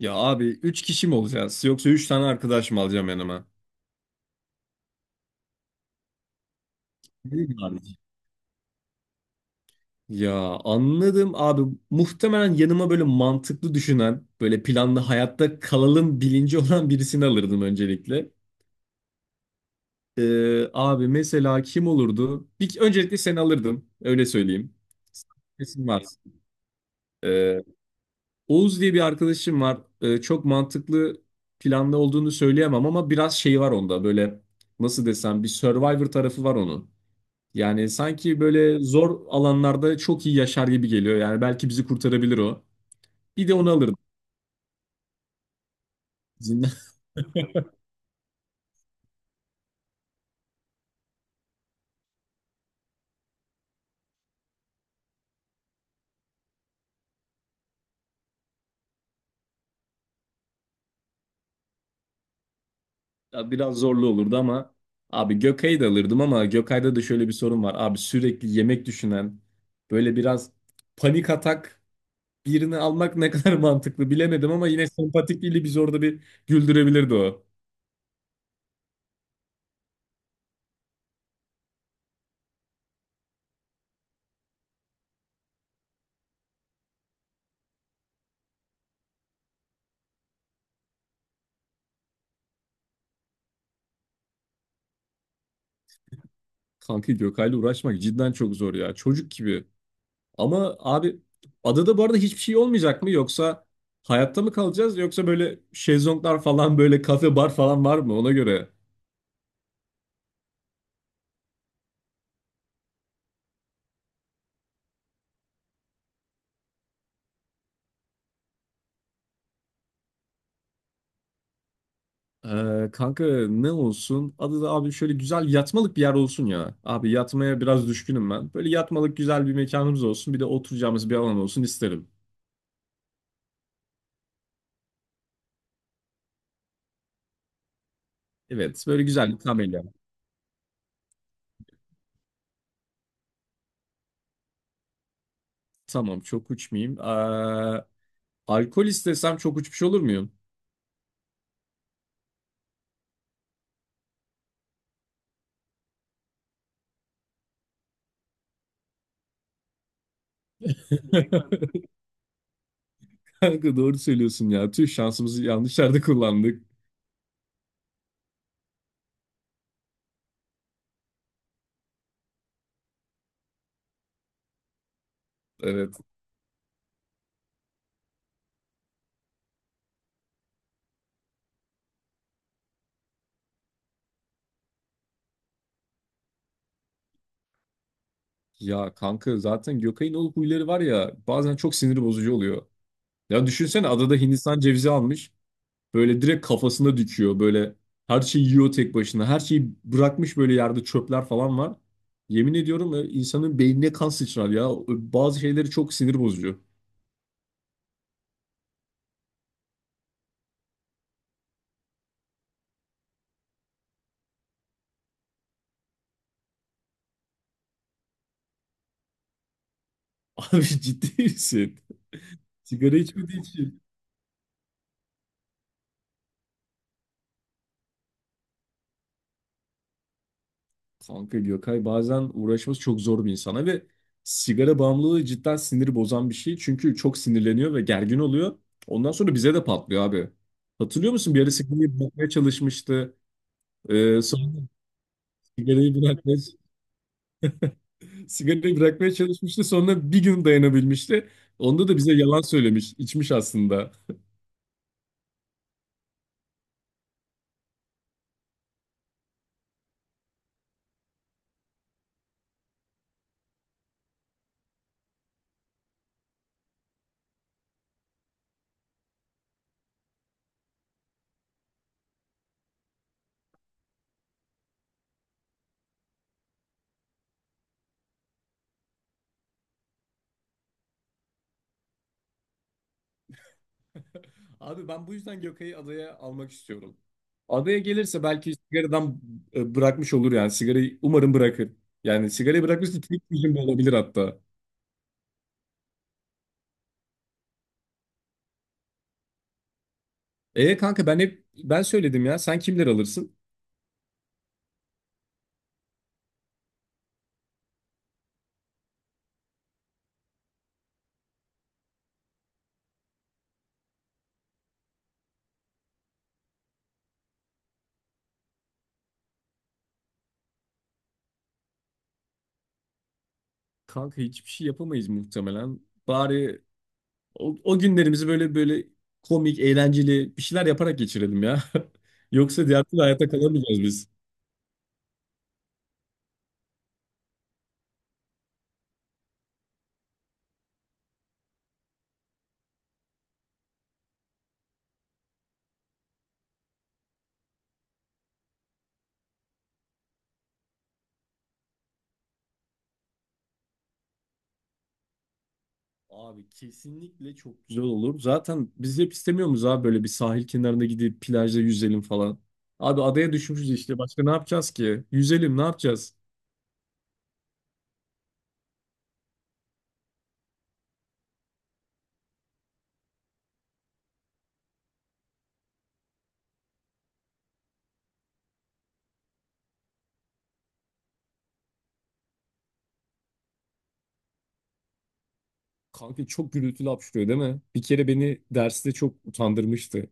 Ya abi 3 kişi mi olacağız yoksa 3 tane arkadaş mı alacağım yanıma? Benim harici. Ya anladım abi. Muhtemelen yanıma böyle mantıklı düşünen, böyle planlı hayatta kalalım bilinci olan birisini alırdım öncelikle. Abi mesela kim olurdu? Bir, öncelikle seni alırdım. Öyle söyleyeyim. Kesin var. Ee, Oğuz diye bir arkadaşım var. Çok mantıklı planlı olduğunu söyleyemem ama biraz şey var onda. Böyle nasıl desem bir Survivor tarafı var onun. Yani sanki böyle zor alanlarda çok iyi yaşar gibi geliyor. Yani belki bizi kurtarabilir o. Bir de onu alırdım. İzinden. Ya biraz zorlu olurdu ama abi Gökay'ı da alırdım ama Gökay'da da şöyle bir sorun var. Abi sürekli yemek düşünen böyle biraz panik atak birini almak ne kadar mantıklı bilemedim ama yine sempatikliğiyle biz orada bir güldürebilirdi o. Kanka Gökay'la uğraşmak cidden çok zor ya. Çocuk gibi. Ama abi adada bu arada hiçbir şey olmayacak mı? Yoksa hayatta mı kalacağız? Yoksa böyle şezlonglar falan böyle kafe bar falan var mı ona göre? Kanka ne olsun? Adada abi şöyle güzel yatmalık bir yer olsun ya. Abi yatmaya biraz düşkünüm ben. Böyle yatmalık güzel bir mekanımız olsun. Bir de oturacağımız bir alan olsun isterim. Evet böyle güzel bir kamelya. Tamam çok uçmayayım. Alkol istesem çok uçmuş olur muyum? Kanka doğru söylüyorsun ya. Tüh şansımızı yanlış yerde kullandık. Evet. Ya kanka zaten Gökay'ın o huyları var ya bazen çok sinir bozucu oluyor. Ya düşünsene adada Hindistan cevizi almış. Böyle direkt kafasına dikiyor. Böyle her şeyi yiyor tek başına. Her şeyi bırakmış böyle yerde çöpler falan var. Yemin ediyorum insanın beynine kan sıçrar ya. Bazı şeyleri çok sinir bozucu. Abi ciddi misin? Sigara içmediği için. Kanka Gökay bazen uğraşması çok zor bir insana ve sigara bağımlılığı cidden siniri bozan bir şey. Çünkü çok sinirleniyor ve gergin oluyor. Ondan sonra bize de patlıyor abi. Hatırlıyor musun? Bir ara sigarayı bırakmaya çalışmıştı. Sonra sigarayı bırakmaya, sigarayı bırakmaya çalışmıştı. Sonra bir gün dayanabilmişti. Onda da bize yalan söylemiş, içmiş aslında. Abi ben bu yüzden Gökay'ı adaya almak istiyorum. Adaya gelirse belki sigaradan bırakmış olur yani. Sigarayı umarım bırakır. Yani sigarayı bırakmışsa tek çözüm bu olabilir hatta. E kanka ben hep ben söyledim ya. Sen kimler alırsın? Kanka hiçbir şey yapamayız muhtemelen. Bari o günlerimizi böyle böyle komik, eğlenceli bir şeyler yaparak geçirelim ya. Yoksa diğer türlü hayatta kalamayacağız biz. Abi kesinlikle çok güzel olur. Zaten biz hep istemiyor muyuz abi böyle bir sahil kenarında gidip plajda yüzelim falan. Abi adaya düşmüşüz işte. Başka ne yapacağız ki? Yüzelim ne yapacağız? Kanka çok gürültülü hapşırıyor değil mi? Bir kere beni derste çok utandırmıştı.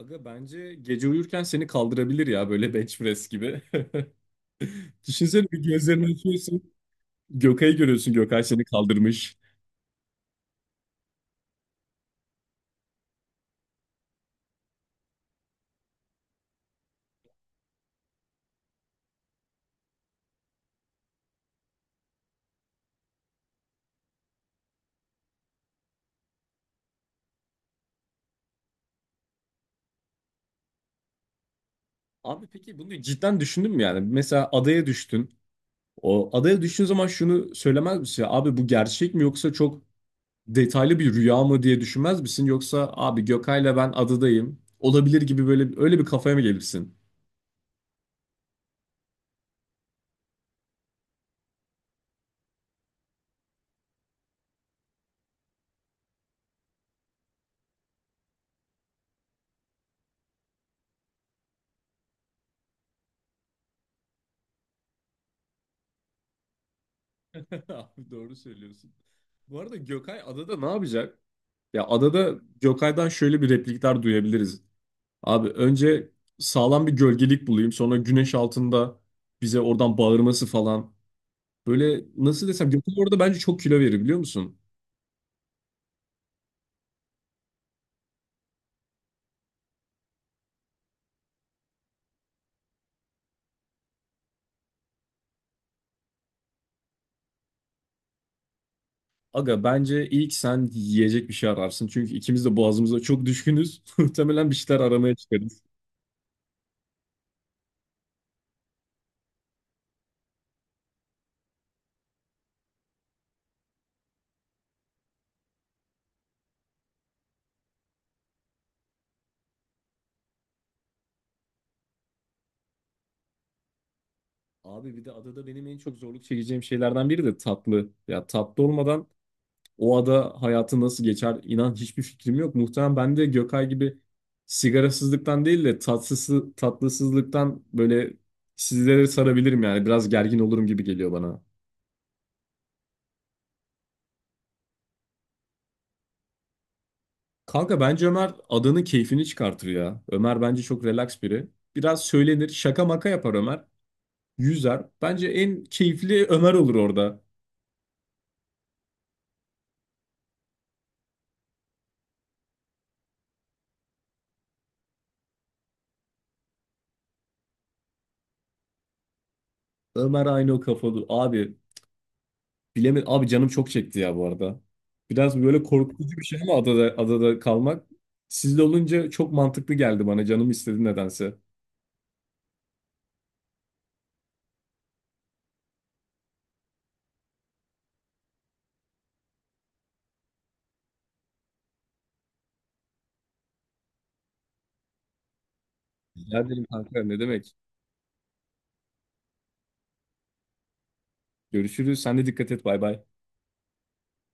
Aga bence gece uyurken seni kaldırabilir ya böyle bench press gibi. Düşünsene bir gözlerini açıyorsun. Gökay'ı görüyorsun. Gökay seni kaldırmış. Abi peki bunu cidden düşündün mü yani? Mesela adaya düştün. O adaya düştüğün zaman şunu söylemez misin? Abi bu gerçek mi yoksa çok detaylı bir rüya mı diye düşünmez misin? Yoksa abi Gökay'la ben adadayım. Olabilir gibi böyle öyle bir kafaya mı gelirsin? Abi doğru söylüyorsun. Bu arada Gökay adada ne yapacak? Ya adada Gökay'dan şöyle bir replikler duyabiliriz. Abi önce sağlam bir gölgelik bulayım. Sonra güneş altında bize oradan bağırması falan. Böyle nasıl desem Gökay orada bence çok kilo verir biliyor musun? Aga bence ilk sen yiyecek bir şey ararsın. Çünkü ikimiz de boğazımıza çok düşkünüz. Muhtemelen bir şeyler aramaya çıkarız. Abi bir de adada benim en çok zorluk çekeceğim şeylerden biri de tatlı. Ya tatlı olmadan o ada hayatı nasıl geçer inan hiçbir fikrim yok. Muhtemelen ben de Gökay gibi sigarasızlıktan değil de tatsızsı, tatlısızlıktan böyle sizlere sarabilirim yani. Biraz gergin olurum gibi geliyor bana. Kanka bence Ömer adanın keyfini çıkartır ya. Ömer bence çok relax biri. Biraz söylenir, şaka maka yapar Ömer. Yüzer. Bence en keyifli Ömer olur orada. Ömer aynı o kafalı. Abi bilemedim. Abi canım çok çekti ya bu arada. Biraz böyle korkutucu bir şey ama adada, adada kalmak. Sizle olunca çok mantıklı geldi bana. Canım istedi nedense. Rica ederim kanka. Ne demek? Görüşürüz. Sen de dikkat et. Bay bay.